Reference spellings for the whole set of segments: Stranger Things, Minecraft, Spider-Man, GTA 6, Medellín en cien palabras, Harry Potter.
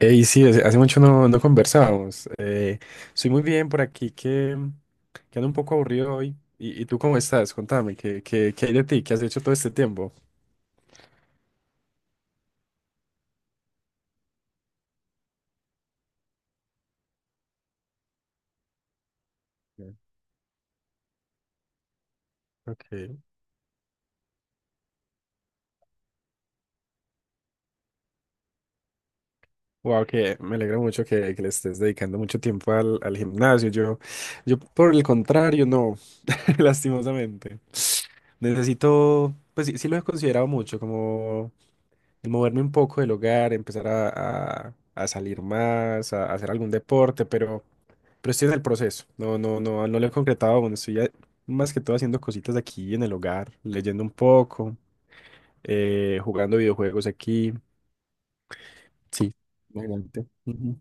Ey, sí, hace mucho no conversábamos. Estoy muy bien por aquí que ando un poco aburrido hoy. ¿Y tú cómo estás? Contame, ¿qué hay de ti? ¿Qué has hecho todo este tiempo? Bien. Ok. Wow, que me alegra mucho que le estés dedicando mucho tiempo al gimnasio. Yo por el contrario, no, lastimosamente. Necesito, pues sí, sí lo he considerado mucho, como el moverme un poco del hogar, empezar a salir más, a hacer algún deporte, pero estoy en el proceso. No, no, no, no lo he concretado aún. Estoy más que todo haciendo cositas aquí en el hogar, leyendo un poco, jugando videojuegos aquí. Sí, imagínate. Ujú.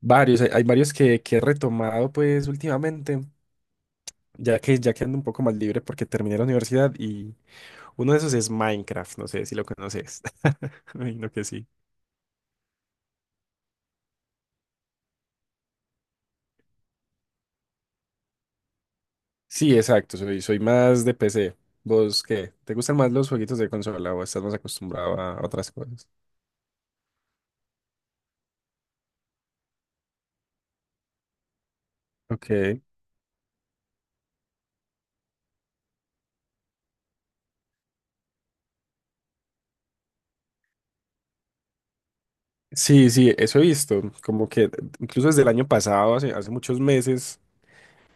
Varios, hay varios que he retomado pues últimamente, ya que ando un poco más libre porque terminé la universidad y uno de esos es Minecraft, no sé si lo conoces. Me imagino que sí. Sí, exacto, soy más de PC. ¿Vos qué? ¿Te gustan más los jueguitos de consola o estás más acostumbrado a otras cosas? Ok. Sí, sí, eso he visto. Como que incluso desde el año pasado, hace muchos meses,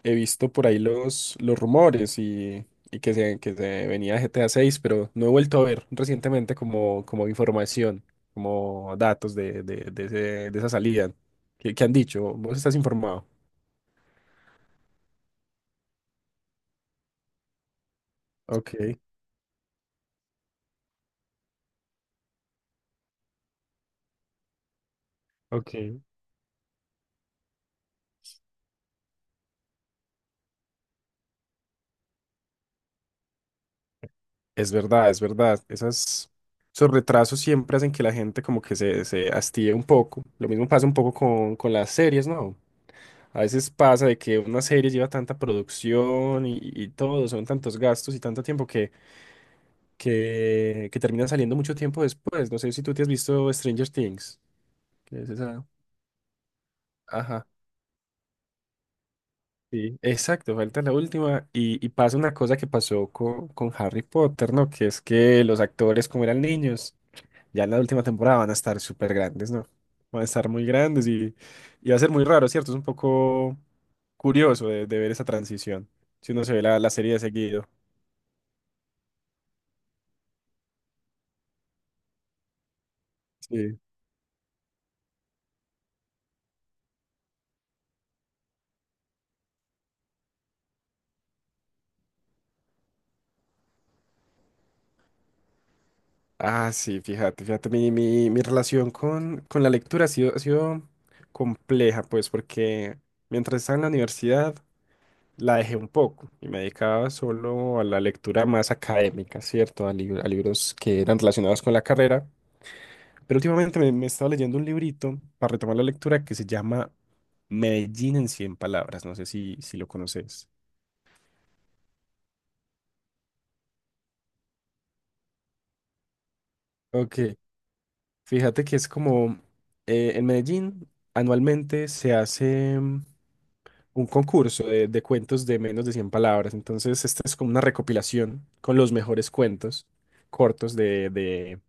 he visto por ahí los rumores y, y que se venía GTA 6, pero no he vuelto a ver recientemente como información, como datos de esa salida. ¿Qué han dicho? ¿Vos estás informado? Ok, ok. Es verdad, es verdad. Esos retrasos siempre hacen que la gente como que se hastíe un poco. Lo mismo pasa un poco con las series, ¿no? A veces pasa de que una serie lleva tanta producción y todo, son tantos gastos y tanto tiempo que termina saliendo mucho tiempo después. No sé si tú te has visto Stranger Things, que es esa. Ajá. Sí, exacto, falta la última. Y pasa una cosa que pasó con Harry Potter, ¿no? Que es que los actores, como eran niños, ya en la última temporada van a estar súper grandes, ¿no? Van a estar muy grandes y va a ser muy raro, ¿cierto? Es un poco curioso de ver esa transición, si uno se ve la serie de seguido. Sí. Ah, sí, fíjate, fíjate, mi relación con la lectura ha sido compleja, pues, porque mientras estaba en la universidad la dejé un poco y me dedicaba solo a la lectura más académica, ¿cierto? A libros que eran relacionados con la carrera. Pero últimamente me estaba leyendo un librito para retomar la lectura que se llama Medellín en cien palabras. No sé si lo conoces. Ok, fíjate que es como en Medellín anualmente se hace un concurso de cuentos de menos de 100 palabras. Entonces, esta es como una recopilación con los mejores cuentos cortos de, de-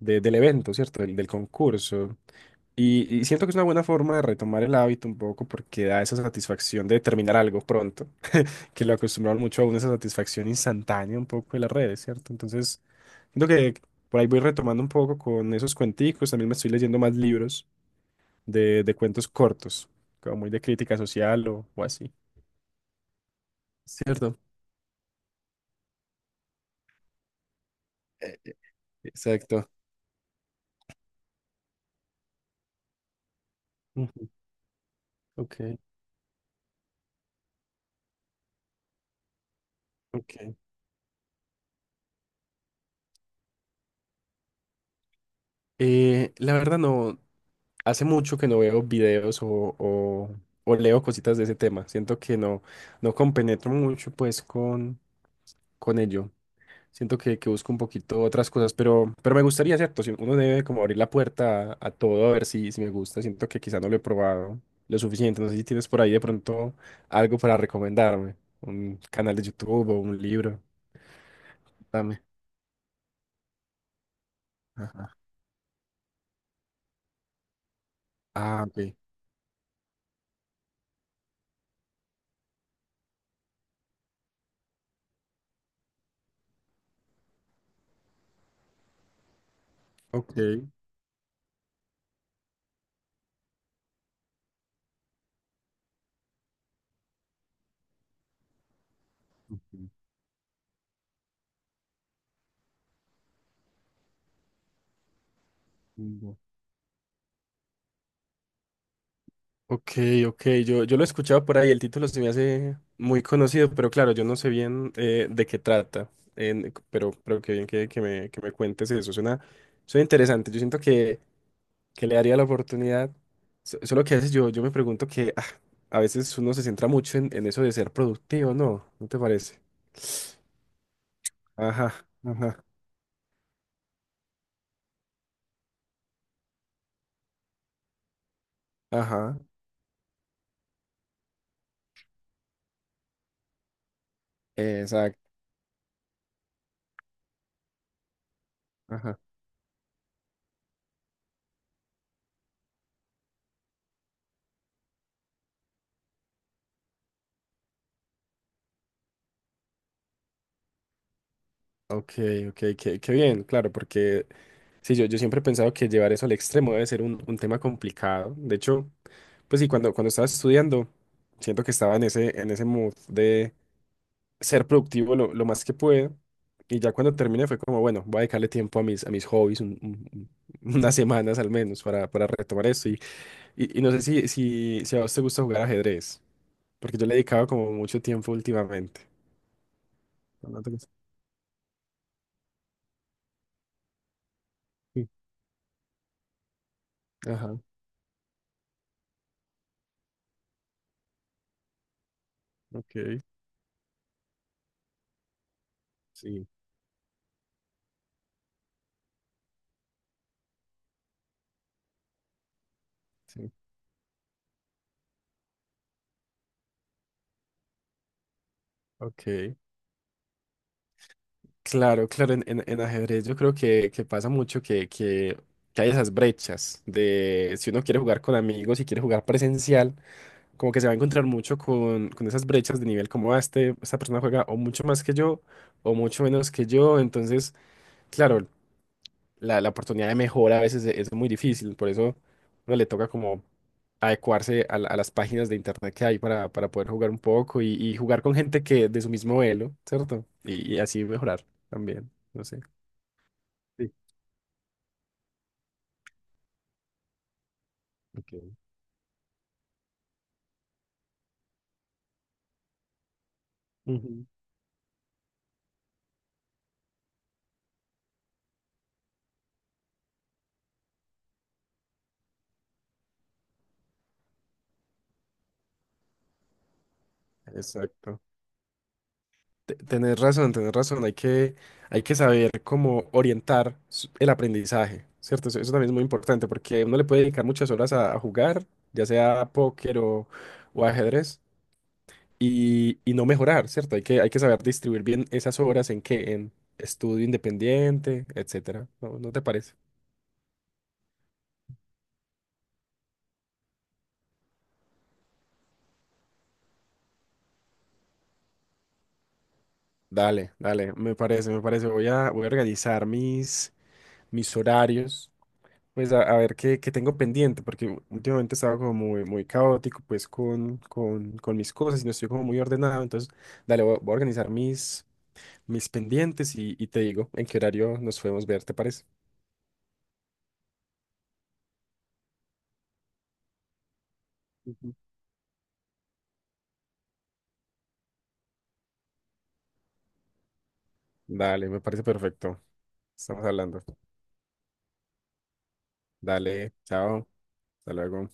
de- del evento, ¿cierto? Del concurso. Y siento que es una buena forma de retomar el hábito un poco porque da esa satisfacción de terminar algo pronto. Que lo acostumbraron mucho a una satisfacción instantánea un poco de las redes, ¿cierto? Entonces, siento que por ahí voy retomando un poco con esos cuenticos, también me estoy leyendo más libros de cuentos cortos, como muy de crítica social o así, ¿cierto? Eh, eh, Exacto. Ujú. Ok, ok. La verdad no, hace mucho que no veo videos o- o leo cositas de ese tema. Siento que no compenetro mucho pues con ello. Siento que busco un poquito otras cosas, pero me gustaría, ¿cierto? Si uno debe como abrir la puerta a todo a ver si me gusta. Siento que quizá no lo he probado lo suficiente. No sé si tienes por ahí de pronto algo para recomendarme. Un canal de YouTube o un libro. Dame. Ajá. Ah, ok. Ok. Ujú. Ok, ok, yo lo he escuchado por ahí, el título se me hace muy conocido, pero claro, yo no sé bien de qué trata, pero qué bien que me cuentes eso, suena, suena interesante, yo siento que le daría la oportunidad, solo que a veces yo me pregunto que ah, a veces uno se centra mucho en eso de ser productivo, ¿no? ¿No te parece? Ajá, ajá, ajá, exacto. Ok, ok, qué bien, claro, porque sí, yo siempre he pensado que llevar eso al extremo debe ser un tema complicado. De hecho, pues sí, cuando estaba estudiando, siento que estaba en ese mood de ser productivo lo más que puedo. Y ya cuando terminé fue como, bueno, voy a dedicarle tiempo a mis hobbies, unas semanas al menos para retomar eso. Y no sé si a vos te gusta jugar ajedrez, porque yo le he dedicado como mucho tiempo últimamente. ¿No te gusta? Sí. Ajá, ok, sí, sí, ok. Claro, claro, en ajedrez yo creo que pasa mucho que hay esas brechas de si uno quiere jugar con amigos y quiere jugar presencial, como que se va a encontrar mucho con esas brechas de nivel como "Ah, este, esta persona juega o mucho más que yo o mucho menos que yo, entonces, claro, la oportunidad de mejora a veces es muy difícil, por eso uno le toca como adecuarse a las páginas de internet que hay para poder jugar un poco y jugar con gente que de su mismo elo, ¿cierto? Y así mejorar también, no sé. Sí, ok. Ujú. Exacto. Tenés razón, tenés razón. Hay que saber cómo orientar el aprendizaje, ¿cierto? Eso también es muy importante porque uno le puede dedicar muchas horas a jugar, ya sea póker o ajedrez, y no mejorar, ¿cierto? Hay que saber distribuir bien esas horas en qué, en estudio independiente, etcétera. ¿No te parece? Dale, dale, me parece, me parece. Voy a organizar mis horarios. Pues a ver qué tengo pendiente, porque últimamente estaba como muy, muy caótico, pues con mis cosas y no estoy como muy ordenado. Entonces, dale, voy a organizar mis pendientes y te digo en qué horario nos podemos ver, ¿te parece? Ujú. Dale, me parece perfecto. Estamos hablando. Dale, chao, hasta luego.